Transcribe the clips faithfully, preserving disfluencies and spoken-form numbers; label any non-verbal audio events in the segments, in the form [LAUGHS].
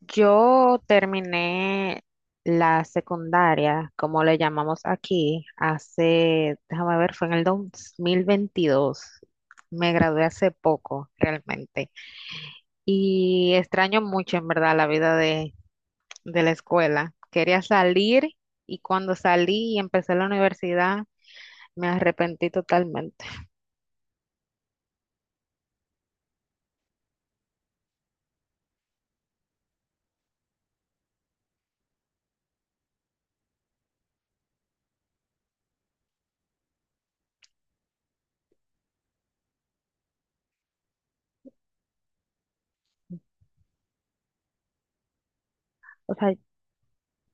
Yo terminé la secundaria, como le llamamos aquí, hace, déjame ver, fue en el dos mil veintidós. Me gradué hace poco, realmente. Y extraño mucho, en verdad, la vida de, de la escuela. Quería salir y cuando salí y empecé la universidad, me arrepentí totalmente. O sea,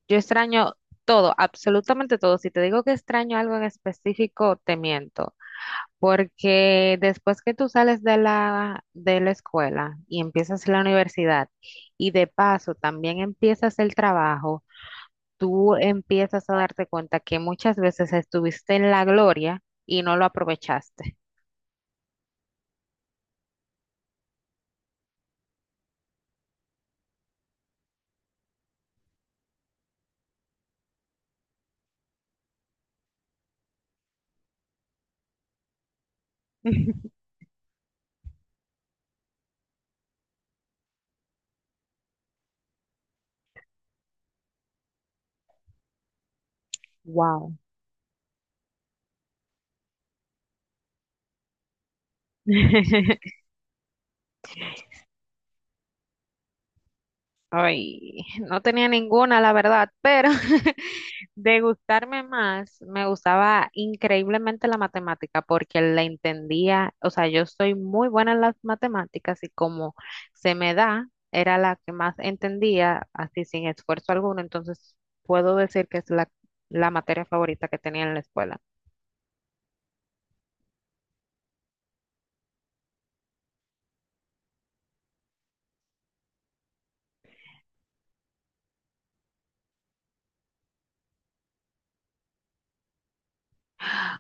yo extraño todo, absolutamente todo. Si te digo que extraño algo en específico, te miento. Porque después que tú sales de la, de la escuela y empiezas la universidad y de paso también empiezas el trabajo, tú empiezas a darte cuenta que muchas veces estuviste en la gloria y no lo aprovechaste. [LAUGHS] Wow. [LAUGHS] Ay, no tenía ninguna, la verdad, pero [LAUGHS] de gustarme más, me gustaba increíblemente la matemática porque la entendía, o sea, yo soy muy buena en las matemáticas y como se me da, era la que más entendía, así sin esfuerzo alguno, entonces puedo decir que es la, la materia favorita que tenía en la escuela.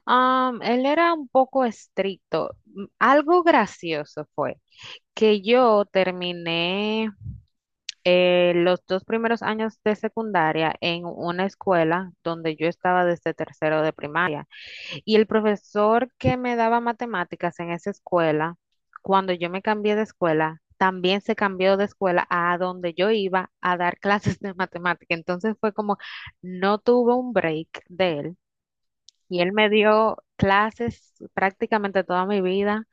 Am, él era un poco estricto. M- Algo gracioso fue que yo terminé eh, los dos primeros años de secundaria en una escuela donde yo estaba desde tercero de primaria. Y el profesor que me daba matemáticas en esa escuela, cuando yo me cambié de escuela, también se cambió de escuela a donde yo iba a dar [LAUGHS] clases de matemática. Entonces fue como, no tuve un break de él. Y él me dio clases prácticamente toda mi vida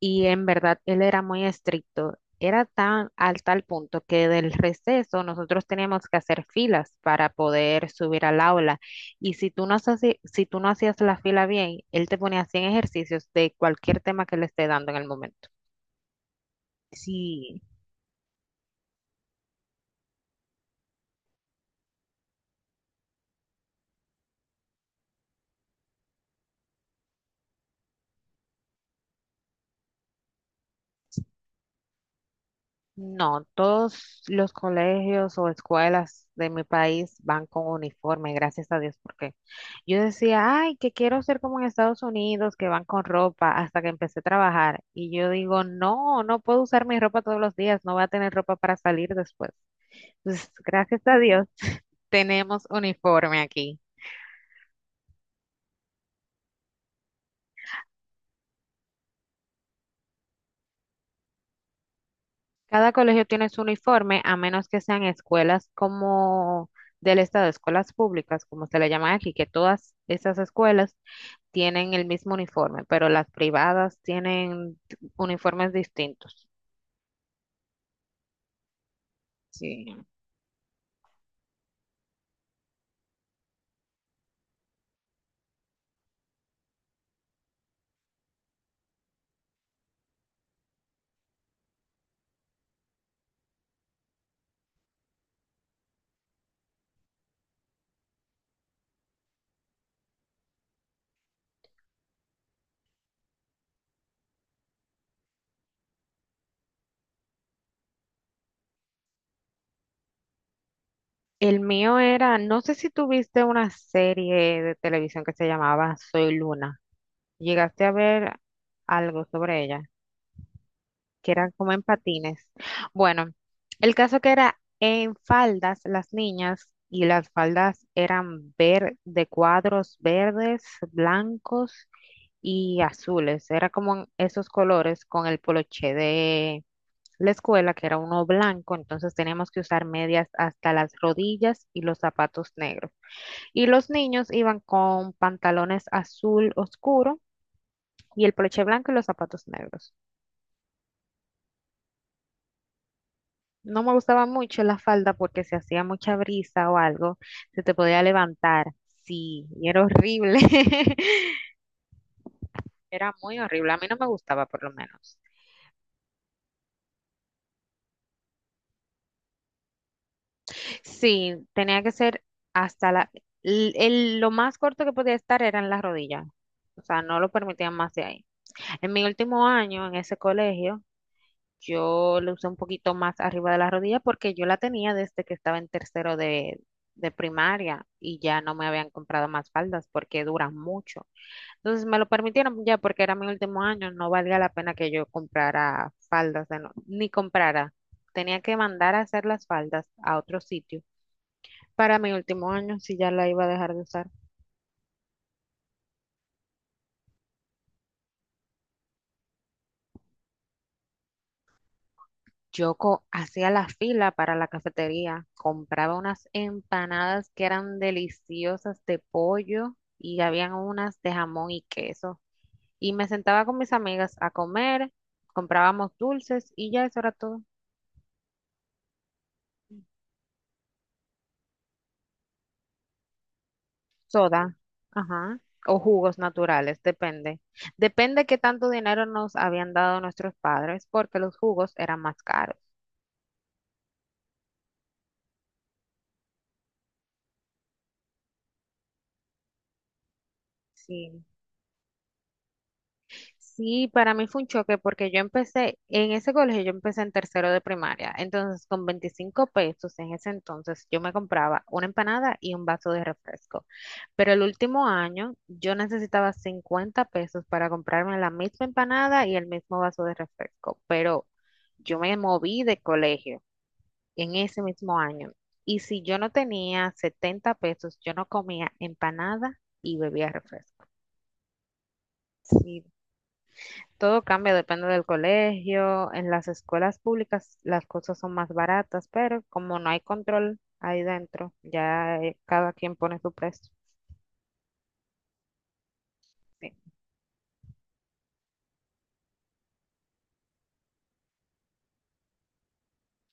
y en verdad él era muy estricto. Era tan al tal punto que del receso nosotros teníamos que hacer filas para poder subir al aula. Y si tú no hacías, si tú no hacías la fila bien, él te ponía cien ejercicios de cualquier tema que le esté dando en el momento. Sí. No, todos los colegios o escuelas de mi país van con uniforme, gracias a Dios, porque yo decía, ay, que quiero ser como en Estados Unidos, que van con ropa, hasta que empecé a trabajar. Y yo digo, no, no puedo usar mi ropa todos los días, no voy a tener ropa para salir después. Entonces, gracias a Dios, [LAUGHS] tenemos uniforme aquí. Cada colegio tiene su uniforme, a menos que sean escuelas como del estado, escuelas públicas, como se le llama aquí, que todas esas escuelas tienen el mismo uniforme, pero las privadas tienen uniformes distintos. Sí. El mío era, no sé si tuviste una serie de televisión que se llamaba Soy Luna. Llegaste a ver algo sobre ella, que eran como en patines. Bueno, el caso que era en faldas las niñas y las faldas eran ver de cuadros verdes, blancos y azules. Era como en esos colores con el poloché de la escuela, que era uno blanco, entonces teníamos que usar medias hasta las rodillas y los zapatos negros. Y los niños iban con pantalones azul oscuro y el broche blanco y los zapatos negros. No me gustaba mucho la falda porque si hacía mucha brisa o algo, se te podía levantar. Sí, y era horrible. [LAUGHS] Era muy horrible. A mí no me gustaba, por lo menos. Sí, tenía que ser hasta la... l- el- lo más corto que podía estar era en la rodilla. O sea, no lo permitían más de ahí. En mi último año en ese colegio, yo lo usé un poquito más arriba de la rodilla porque yo la tenía desde que estaba en tercero de, de primaria y ya no me habían comprado más faldas porque duran mucho. Entonces me lo permitieron ya porque era mi último año, no valía la pena que yo comprara faldas de no- ni comprara. Tenía que mandar a hacer las faldas a otro sitio para mi último año si ya la iba a dejar de usar. Yo co- hacía la fila para la cafetería, compraba unas empanadas que eran deliciosas de pollo y habían unas de jamón y queso. Y me sentaba con mis amigas a comer, comprábamos dulces y ya eso era todo. Soda, ajá, o jugos naturales, depende. Depende qué tanto dinero nos habían dado nuestros padres porque los jugos eran más caros. Sí. Sí, para mí fue un choque porque yo empecé en ese colegio, yo empecé en tercero de primaria. Entonces, con veinticinco pesos en ese entonces, yo me compraba una empanada y un vaso de refresco. Pero el último año, yo necesitaba cincuenta pesos para comprarme la misma empanada y el mismo vaso de refresco. Pero yo me moví de colegio en ese mismo año. Y si yo no tenía setenta pesos, yo no comía empanada y bebía refresco. Sí, todo cambia, depende del colegio. En las escuelas públicas las cosas son más baratas, pero como no hay control ahí dentro, ya eh, cada quien pone su precio. Sí.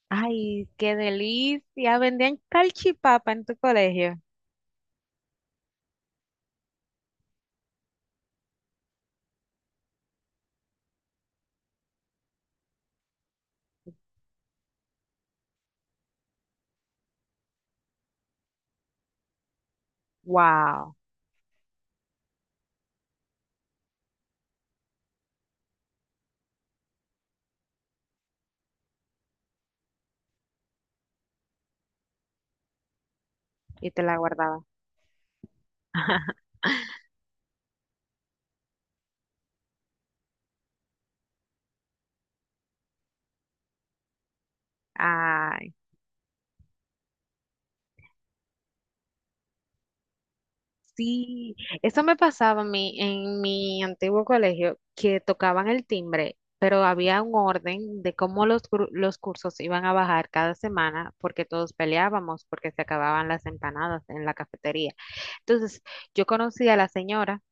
Ay, qué delicia. Vendían calchipapa en tu colegio. Wow. Y te la guardaba. [LAUGHS] Ay. Sí, eso me pasaba a mí en mi antiguo colegio, que tocaban el timbre, pero había un orden de cómo los, cur- los cursos iban a bajar cada semana, porque todos peleábamos, porque se acababan las empanadas en la cafetería. Entonces, yo conocí a la señora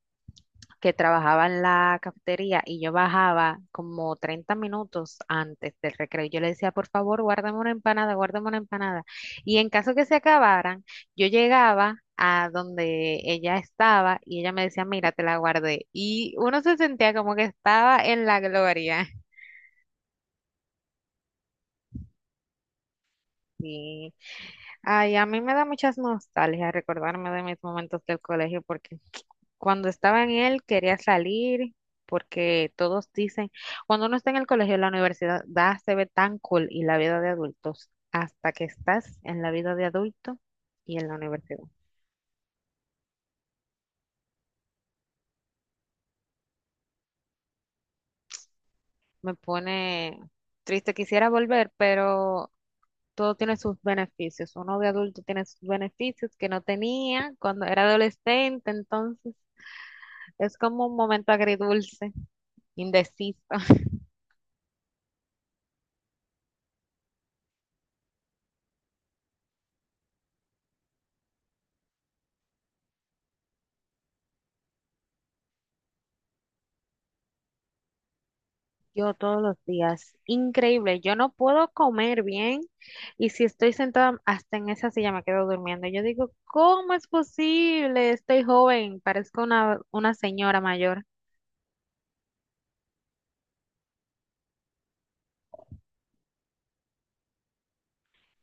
que trabajaba en la cafetería y yo bajaba como treinta minutos antes del recreo. Yo le decía, por favor, guárdame una empanada, guárdame una empanada. Y en caso que se acabaran, yo llegaba a donde ella estaba y ella me decía, mira, te la guardé. Y uno se sentía como que estaba en la gloria. [LAUGHS] Sí. Ay, a mí me da muchas nostalgias recordarme de mis momentos del colegio porque cuando estaba en él quería salir porque todos dicen, cuando uno está en el colegio, la universidad da- se ve tan cool y la vida de adultos, hasta que estás en la vida de adulto y en la universidad. Me pone triste, quisiera volver, pero todo tiene sus beneficios. Uno de adulto tiene sus beneficios que no tenía cuando era adolescente, entonces es como un momento agridulce, indeciso. Yo todos los días, increíble, yo no puedo comer bien y si estoy sentada hasta en esa silla me quedo durmiendo. Yo digo, ¿cómo es posible? Estoy joven, parezco una, una señora mayor.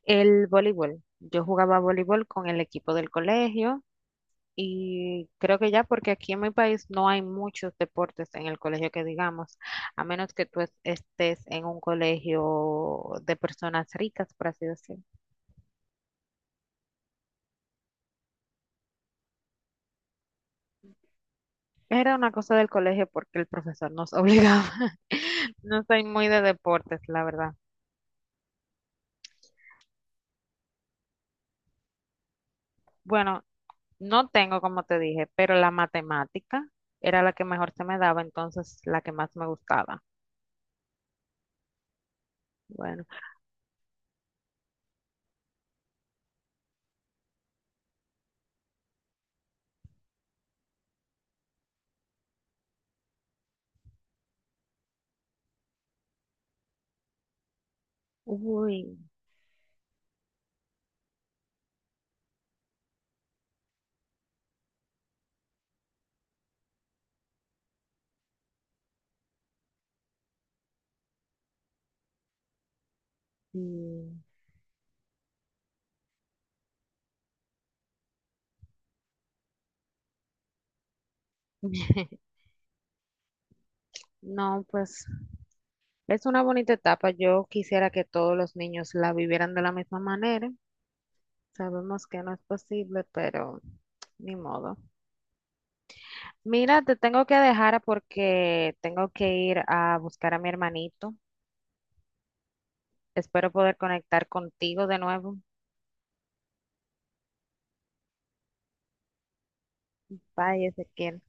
El voleibol, yo jugaba voleibol con el equipo del colegio y creo que ya porque aquí en mi país no hay muchos deportes en el colegio que digamos, a menos que tú es- estés en un colegio de personas ricas, por así decirlo. Era una cosa del colegio porque el profesor nos obligaba. [LAUGHS] No soy muy de deportes, la verdad. Bueno, no tengo, como te dije, pero la matemática era la que mejor se me daba, entonces la que más me gustaba. Bueno, uy, sí. [LAUGHS] No, pues es una bonita etapa. Yo quisiera que todos los niños la vivieran de la misma manera. Sabemos que no es posible, pero ni modo. Mira, te tengo que dejar porque tengo que ir a buscar a mi hermanito. Espero poder conectar contigo de nuevo. Bye, Ezequiel.